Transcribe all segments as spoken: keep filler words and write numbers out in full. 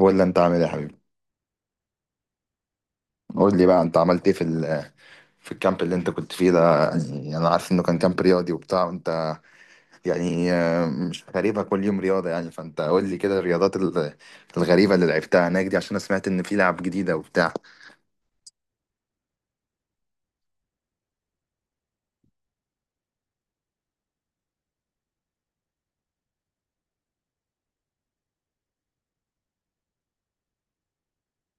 قول لي انت عامل ايه يا حبيبي؟ قول لي بقى انت عملت ايه في ال في الكامب اللي انت كنت فيه ده. يعني انا عارف انه كان كامب رياضي وبتاع، وانت يعني آه، مش غريبة كل يوم رياضة يعني، فانت قول لي كده الرياضات ال- الغريبة اللي لعبتها هناك دي، عشان انا سمعت ان في لعب جديدة وبتاع.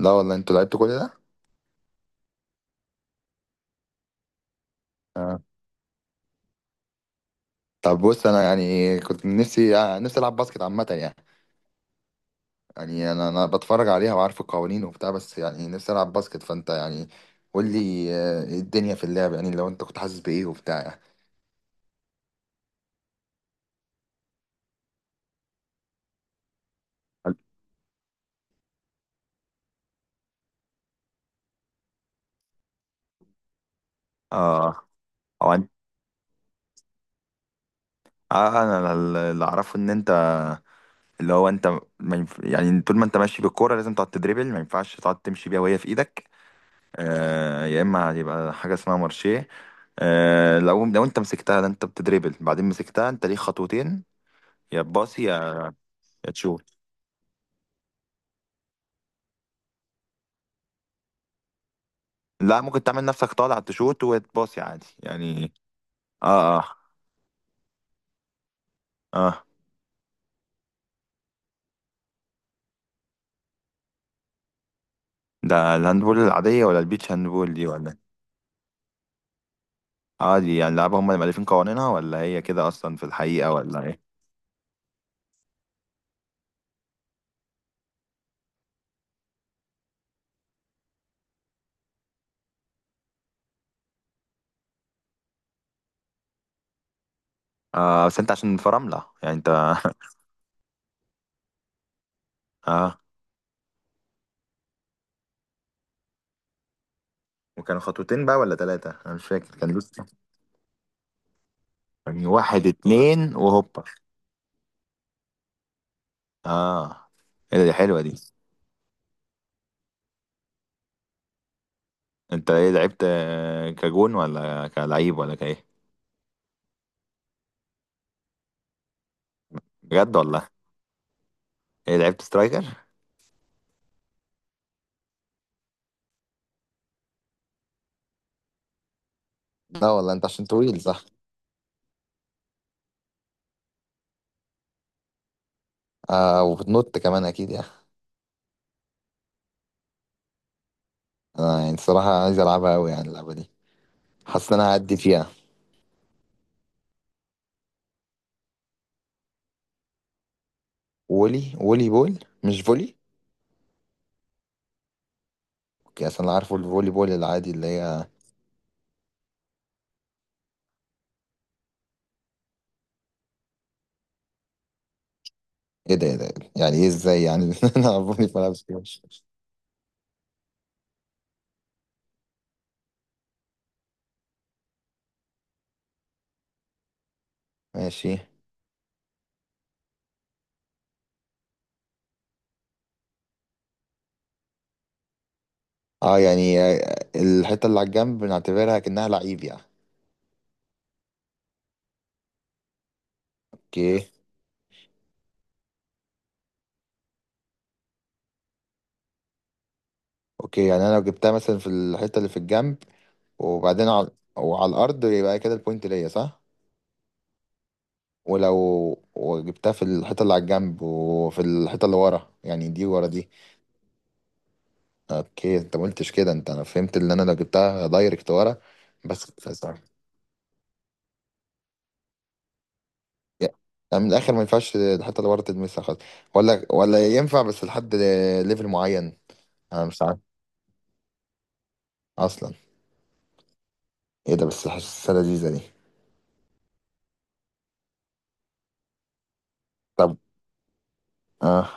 لا والله، انتوا لعبتوا كل ده؟ آه. طب بص، انا يعني كنت نفسي آه، نفسي العب باسكت عامة يعني. يعني انا انا بتفرج عليها وعارف القوانين وبتاع، بس يعني نفسي العب باسكت، فانت يعني قول لي آه، الدنيا في اللعب يعني، لو انت كنت حاسس بايه وبتاع يعني. اه. او انت. آه، انا ال- اللي اعرفه ان انت، اللي هو انت، ما ينف... يعني طول ما انت ماشي بالكوره لازم تقعد تدريبل، ما ينفعش تقعد تمشي بيها وهي في ايدك. آه، يا اما هيبقى حاجه اسمها مارشيه. آه، لو لو انت مسكتها، ده انت بتدريبل، بعدين مسكتها انت ليك خطوتين، يا تباصي يا يا تشوت. لا، ممكن تعمل نفسك طالع تشوت وتباصي عادي يعني. اه، اه، اه. ده الهاندبول العاديه ولا البيتش هاندبول دي ولا إيه؟ اه، دي يعني لعبه هم اللي مالفين قوانينها، ولا هي كده اصلا في الحقيقه، ولا ايه؟ آه، بس انت عشان في رملة يعني انت. اه. وكانوا خطوتين بقى ولا ثلاثة؟ انا مش فاكر، كان لوس. يعني واحد، اتنين، وهوبا. اه. ايه ده، دي حلوة دي. انت ايه لعبت، آه، كجون ولا كلعيب ولا كايه؟ بجد والله؟ ايه لعبت سترايكر؟ لا والله، انت عشان طويل صح. آه، وبتنط كمان اكيد يعني. انا يعني الصراحه عايز العبها قوي يعني اللعبه دي، حاسس ان انا هعدي فيها. وولي وولي بول، مش فولي؟ اوكي، اصل انا عارفه الفولي بول العادي اللي هي. ايه ده، ايه ده، يعني ايه، ازاي يعني؟ انا عبوني في ملعب سكواش. ماشي. اه، يعني آه، الحته اللي على الجنب بنعتبرها كأنها لعيب يعني. اوكي. اوكي، يعني انا لو جبتها مثلا في الحته اللي في الجنب وبعدين على، وعلى الارض، يبقى كده البوينت ليا صح؟ ولو وجبتها في الحته اللي على الجنب وفي الحته اللي ورا، يعني دي ورا دي. اوكي، انت ما قلتش كده، انت انا فهمت ان انا لو جبتها دايركت ورا. بس يعني من الاخر، ما ينفعش الحته اللي ورا تلمسها خالص، ولا ولا ينفع بس لحد ليفل معين؟ انا مش عارف اصلا. ايه ده، بس حاسسها لذيذه دي. طب. اه.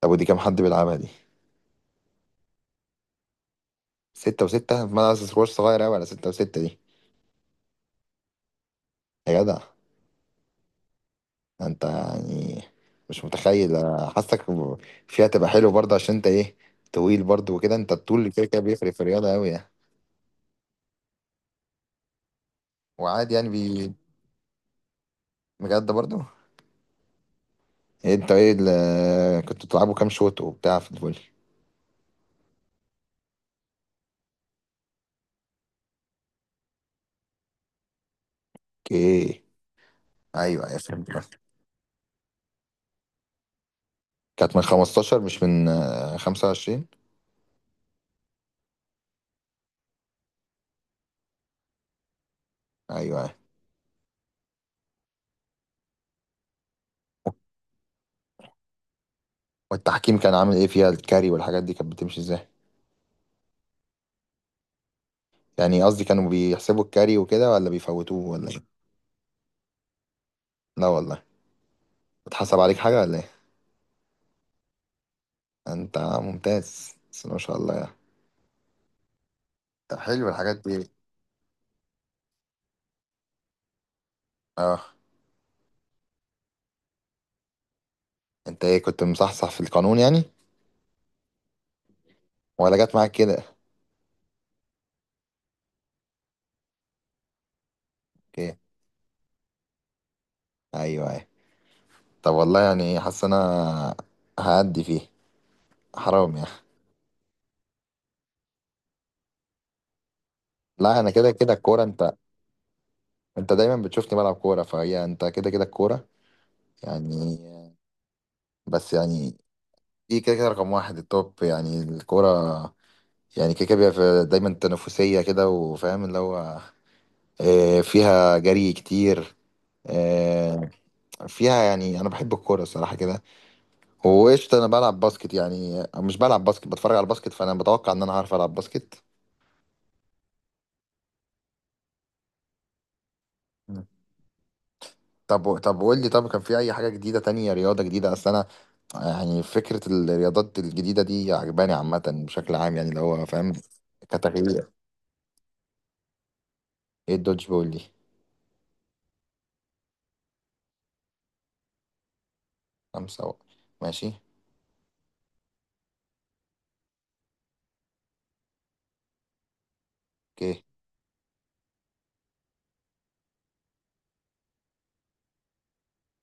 طب، ودي كام حد بيلعبها دي؟ ستة وستة؟ ما انا سكوش صغير اوي على ستة وستة دي. يا جدع. انت يعني مش متخيل، أنا حاسك فيها تبقى حلو برضه، عشان انت ايه، طويل برضه، وكده انت الطول اللي كده كده بيفرق في الرياضه اوي يعني. وعادي يعني بي... بجد برضه؟ إيه انت ايه اللي كنت بتلعبوا، كام شوط وبتاع في الفولي؟ اوكي. ايوه، ايوه فهمت. كانت من خمسة عشر مش من آه، خمسة وعشرين؟ ايوه، ايوه. والتحكيم كان عامل ايه فيها، الكاري والحاجات دي كانت بتمشي ازاي؟ يعني قصدي كانوا بيحسبوا الكاري وكده، ولا بيفوتوه ولا ايه؟ لا والله؟ اتحسب عليك حاجه ولا ايه؟ انت ممتاز بس ما شاء الله يعني. طب حلو الحاجات دي. اه، انت ايه كنت مصحصح في القانون يعني، ولا جت معاك كده؟ اوكي. ايوه، ايوه. طب والله، يعني حاسس انا هأدي فيه، حرام يعني. لا، انا كده كده الكوره. انت، انت دايما بتشوفني بلعب كوره، فهي انت كده كده الكوره يعني. بس يعني دي كده كده رقم واحد التوب يعني الكوره. يعني كده كده بيبقى في- دايما تنافسيه كده، وفاهم اللي هو، آه، فيها جري كتير، آه، فيها يعني، انا بحب الكوره الصراحه كده. وقشطه، انا بلعب باسكت يعني، مش بلعب باسكت، بتفرج على الباسكت، فانا بتوقع ان انا هعرف العب باسكت. طب طب قول لي، طب كان في اي حاجه جديده تانية، رياضه جديده؟ اصل انا يعني فكره الرياضات الجديده دي عجباني عامه بشكل عام يعني اللي هو، فاهم؟ كتغيير. ايه الدوج بول دي؟ خمسه و... ماشي. اوكي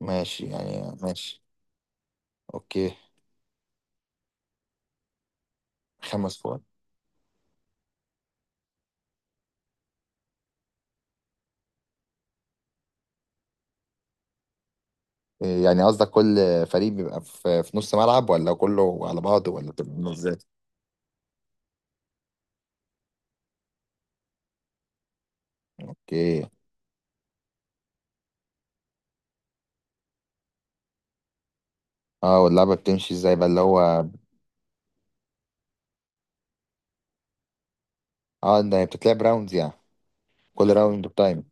ماشي، يعني ماشي. اوكي. خمس فوق. إيه يعني، قصدك كل فريق بيبقى في, في نص ملعب، ولا كله على بعضه، ولا بتبقى عاملة ازاي؟ اوكي. اه، واللعبه بتمشي ازاي بقى اللي هو. اه، ده بتتلعب راوندز يعني؟ كل راوند بتايم؟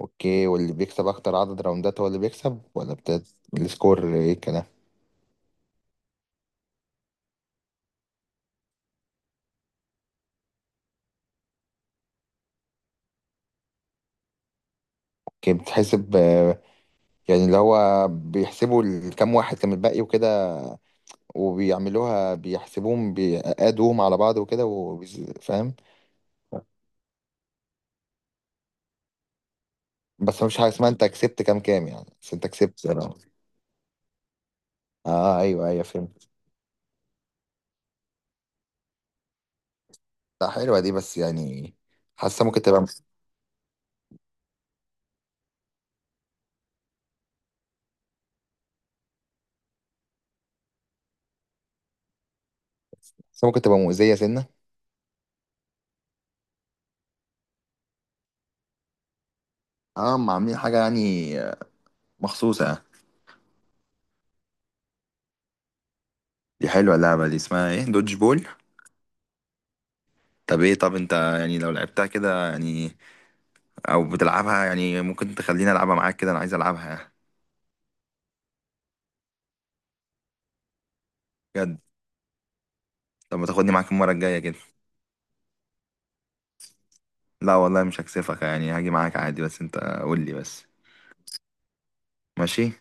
اوكي، واللي بيكسب اكتر عدد راوندات هو اللي بيكسب، ولا بت... السكور، ايه الكلام؟ اوكي. بتحسب آه، يعني اللي هو بيحسبوا ال- كام واحد كان الباقي وكده، وبيعملوها بيحسبوهم بيقادوهم على بعض وكده، وبيز- فاهم؟ بس مفيش حاجه اسمها انت كسبت كام كام يعني، بس انت كسبت round. اه، ايوه، ايوه فهمت. لا حلوه دي، بس يعني حاسه ممكن تبقى حاسه ممكن تبقى مؤذيه سنه. اه، ما عاملين حاجه يعني آه، مخصوصه؟ دي حلوه اللعبه دي، اسمها ايه، دودج بول؟ طب ايه، طب انت يعني لو لعبتها كده يعني، او بتلعبها يعني، ممكن تخليني العبها معاك كده، انا عايز العبها يعني. بجد؟ طب ما تاخدني معاك المره الجايه كده. لا والله، مش هكسفك يعني، هاجي معاك عادي، بس انت قول لي بس. ماشي.